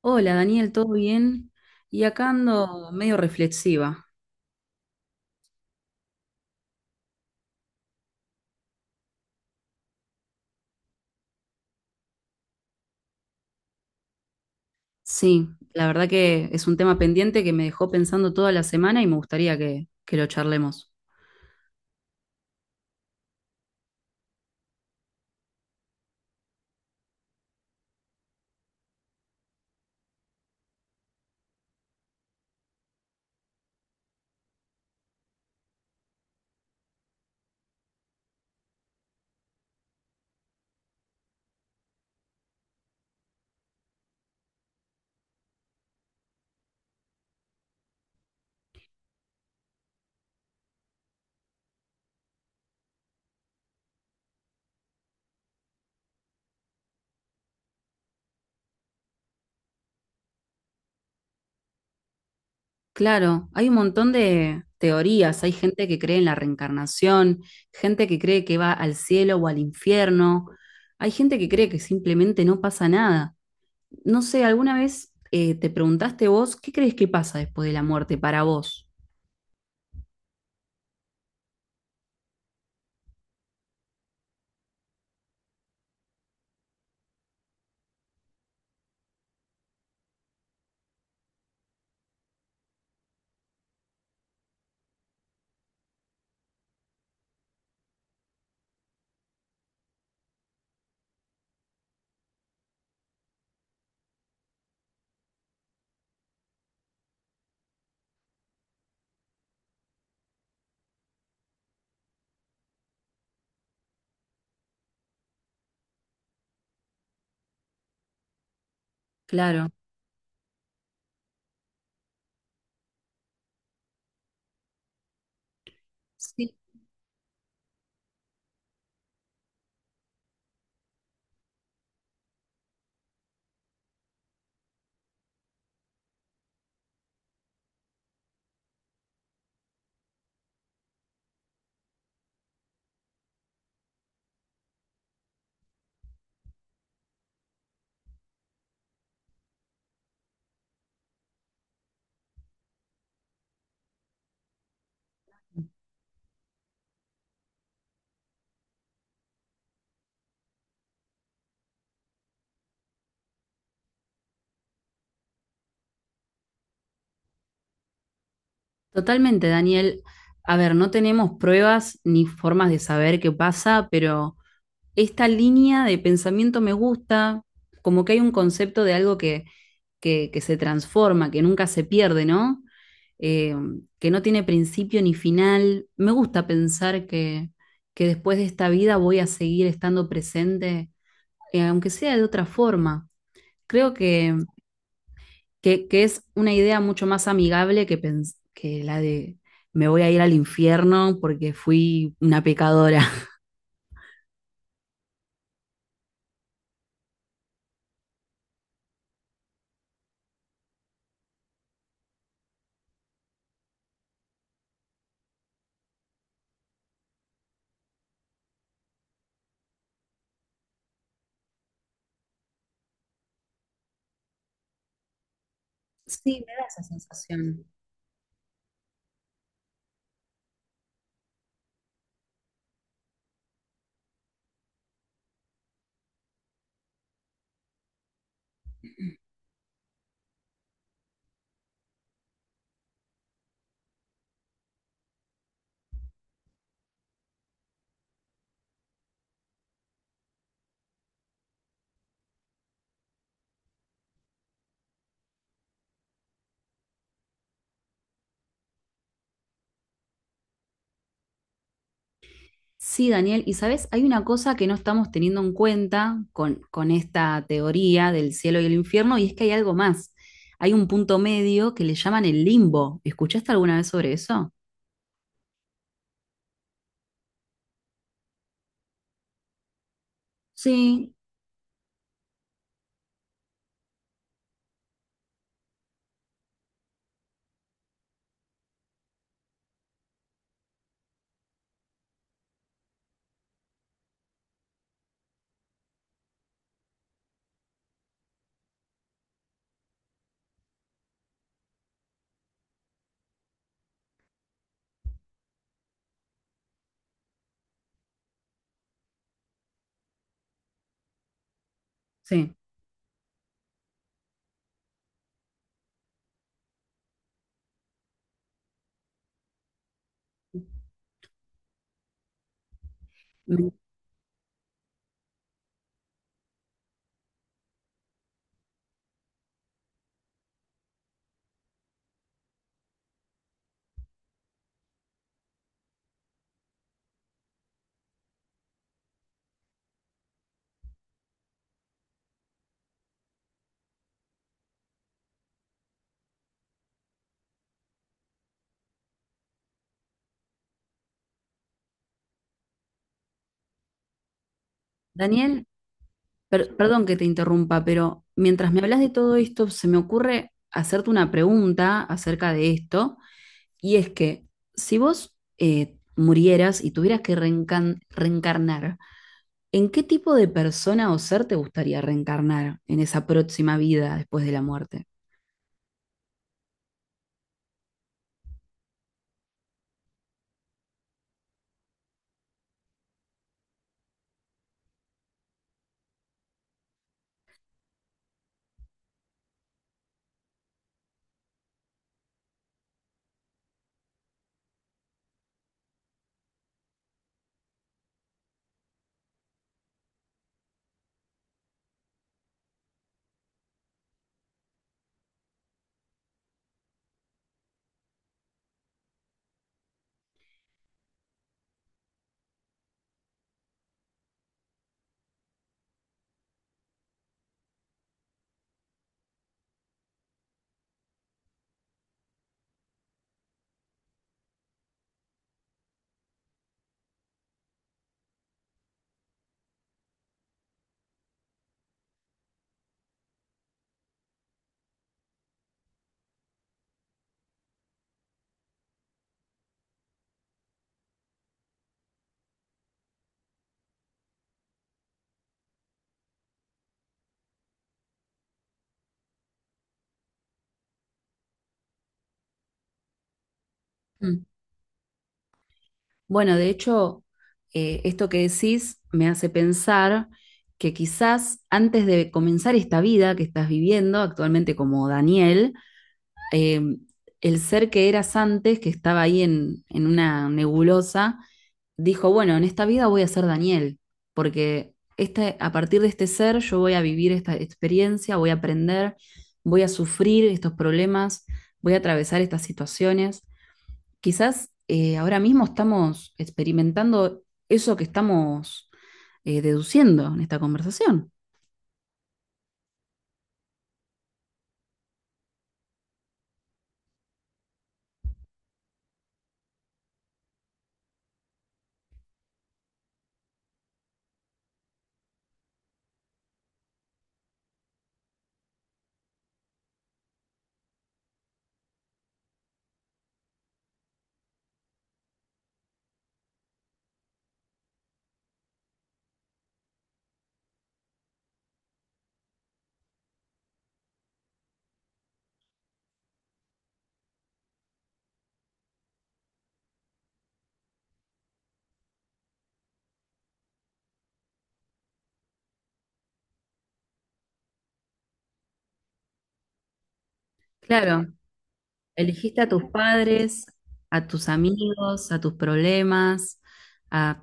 Hola Daniel, ¿todo bien? Y acá ando medio reflexiva. Sí, la verdad que es un tema pendiente que me dejó pensando toda la semana y me gustaría que lo charlemos. Claro, hay un montón de teorías, hay gente que cree en la reencarnación, gente que cree que va al cielo o al infierno, hay gente que cree que simplemente no pasa nada. No sé, ¿alguna vez te preguntaste vos qué crees que pasa después de la muerte para vos? Claro. Sí. Totalmente, Daniel. A ver, no tenemos pruebas ni formas de saber qué pasa, pero esta línea de pensamiento me gusta, como que hay un concepto de algo que se transforma, que nunca se pierde, ¿no? Eh, que no tiene principio ni final. Me gusta pensar que después de esta vida voy a seguir estando presente, aunque sea de otra forma. Creo que es una idea mucho más amigable que, que la de me voy a ir al infierno porque fui una pecadora. Sí, me da esa sensación. Sí, Daniel, y sabes, hay una cosa que no estamos teniendo en cuenta con esta teoría del cielo y el infierno, y es que hay algo más. Hay un punto medio que le llaman el limbo. ¿Escuchaste alguna vez sobre eso? Sí, sí. Me- Daniel, perdón que te interrumpa, pero mientras me hablas de todo esto, se me ocurre hacerte una pregunta acerca de esto, y es que si vos murieras y tuvieras que reencarnar, ¿en qué tipo de persona o ser te gustaría reencarnar en esa próxima vida después de la muerte? Mm. Bueno, de hecho, esto que decís me hace pensar que quizás antes de comenzar esta vida que estás viviendo actualmente como Daniel, eh, el ser que eras antes, que estaba ahí en una nebulosa, dijo, bueno, en esta vida voy a ser Daniel, porque este, a partir de este ser yo voy a vivir esta experiencia, voy a aprender, voy a sufrir estos problemas, voy a atravesar estas situaciones. Quizás ahora mismo estamos experimentando eso que estamos deduciendo en esta conversación. Claro, elegiste a tus padres, a tus amigos, a tus problemas, a...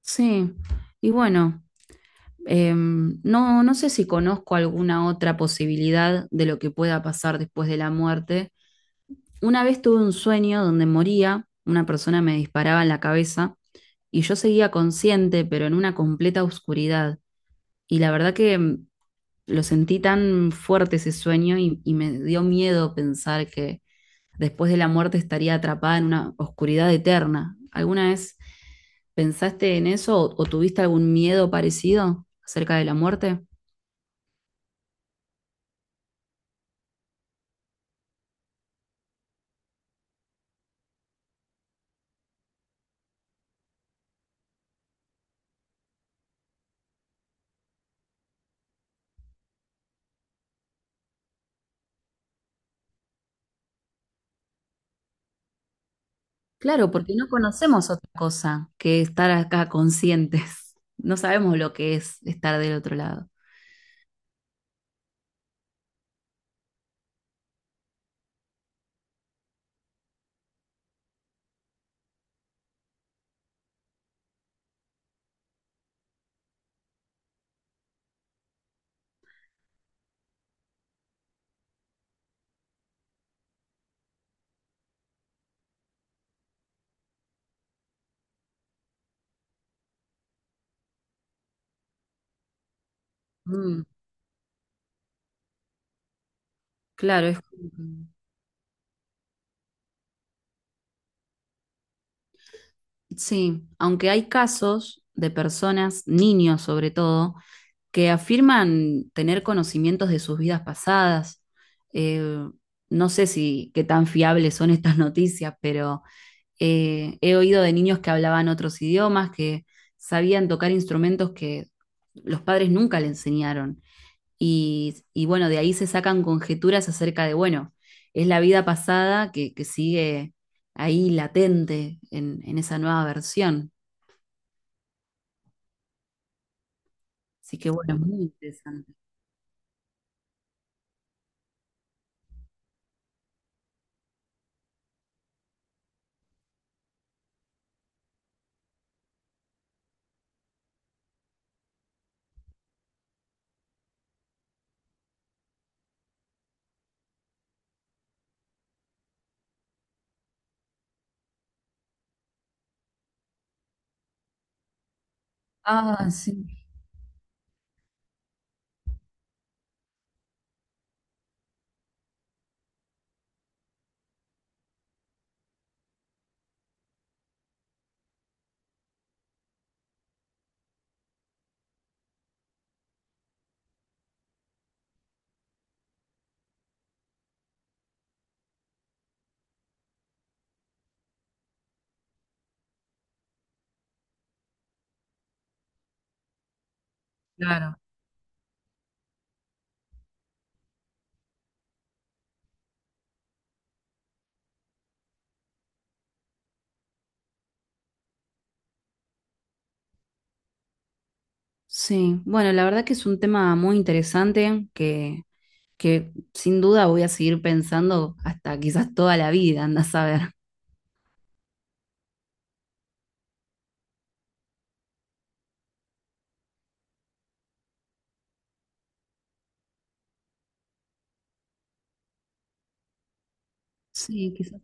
Sí, y bueno, no sé si conozco alguna otra posibilidad de lo que pueda pasar después de la muerte. Una vez tuve un sueño donde moría, una persona me disparaba en la cabeza y yo seguía consciente, pero en una completa oscuridad. Y la verdad que lo sentí tan fuerte ese sueño y me dio miedo pensar que después de la muerte estaría atrapada en una oscuridad eterna. ¿Alguna vez pensaste en eso o tuviste algún miedo parecido acerca de la muerte? Claro, porque no conocemos otra cosa que estar acá conscientes. No sabemos lo que es estar del otro lado. Mm, claro, es... como que- Sí, aunque hay casos de personas, niños sobre todo, que afirman tener conocimientos de sus vidas pasadas. Eh, no sé si qué tan fiables son estas noticias, pero he oído de niños que hablaban otros idiomas, que sabían tocar instrumentos que los padres nunca le enseñaron. Y bueno, de ahí se sacan conjeturas acerca de, bueno, es la vida pasada que sigue ahí latente en esa nueva versión. Así que bueno, es muy interesante. Ah, sí, claro. Sí, bueno, la verdad que es un tema muy interesante que sin duda voy a seguir pensando hasta quizás toda la vida, anda a saber. Sí, quizás.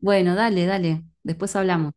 Bueno, dale, dale, después hablamos.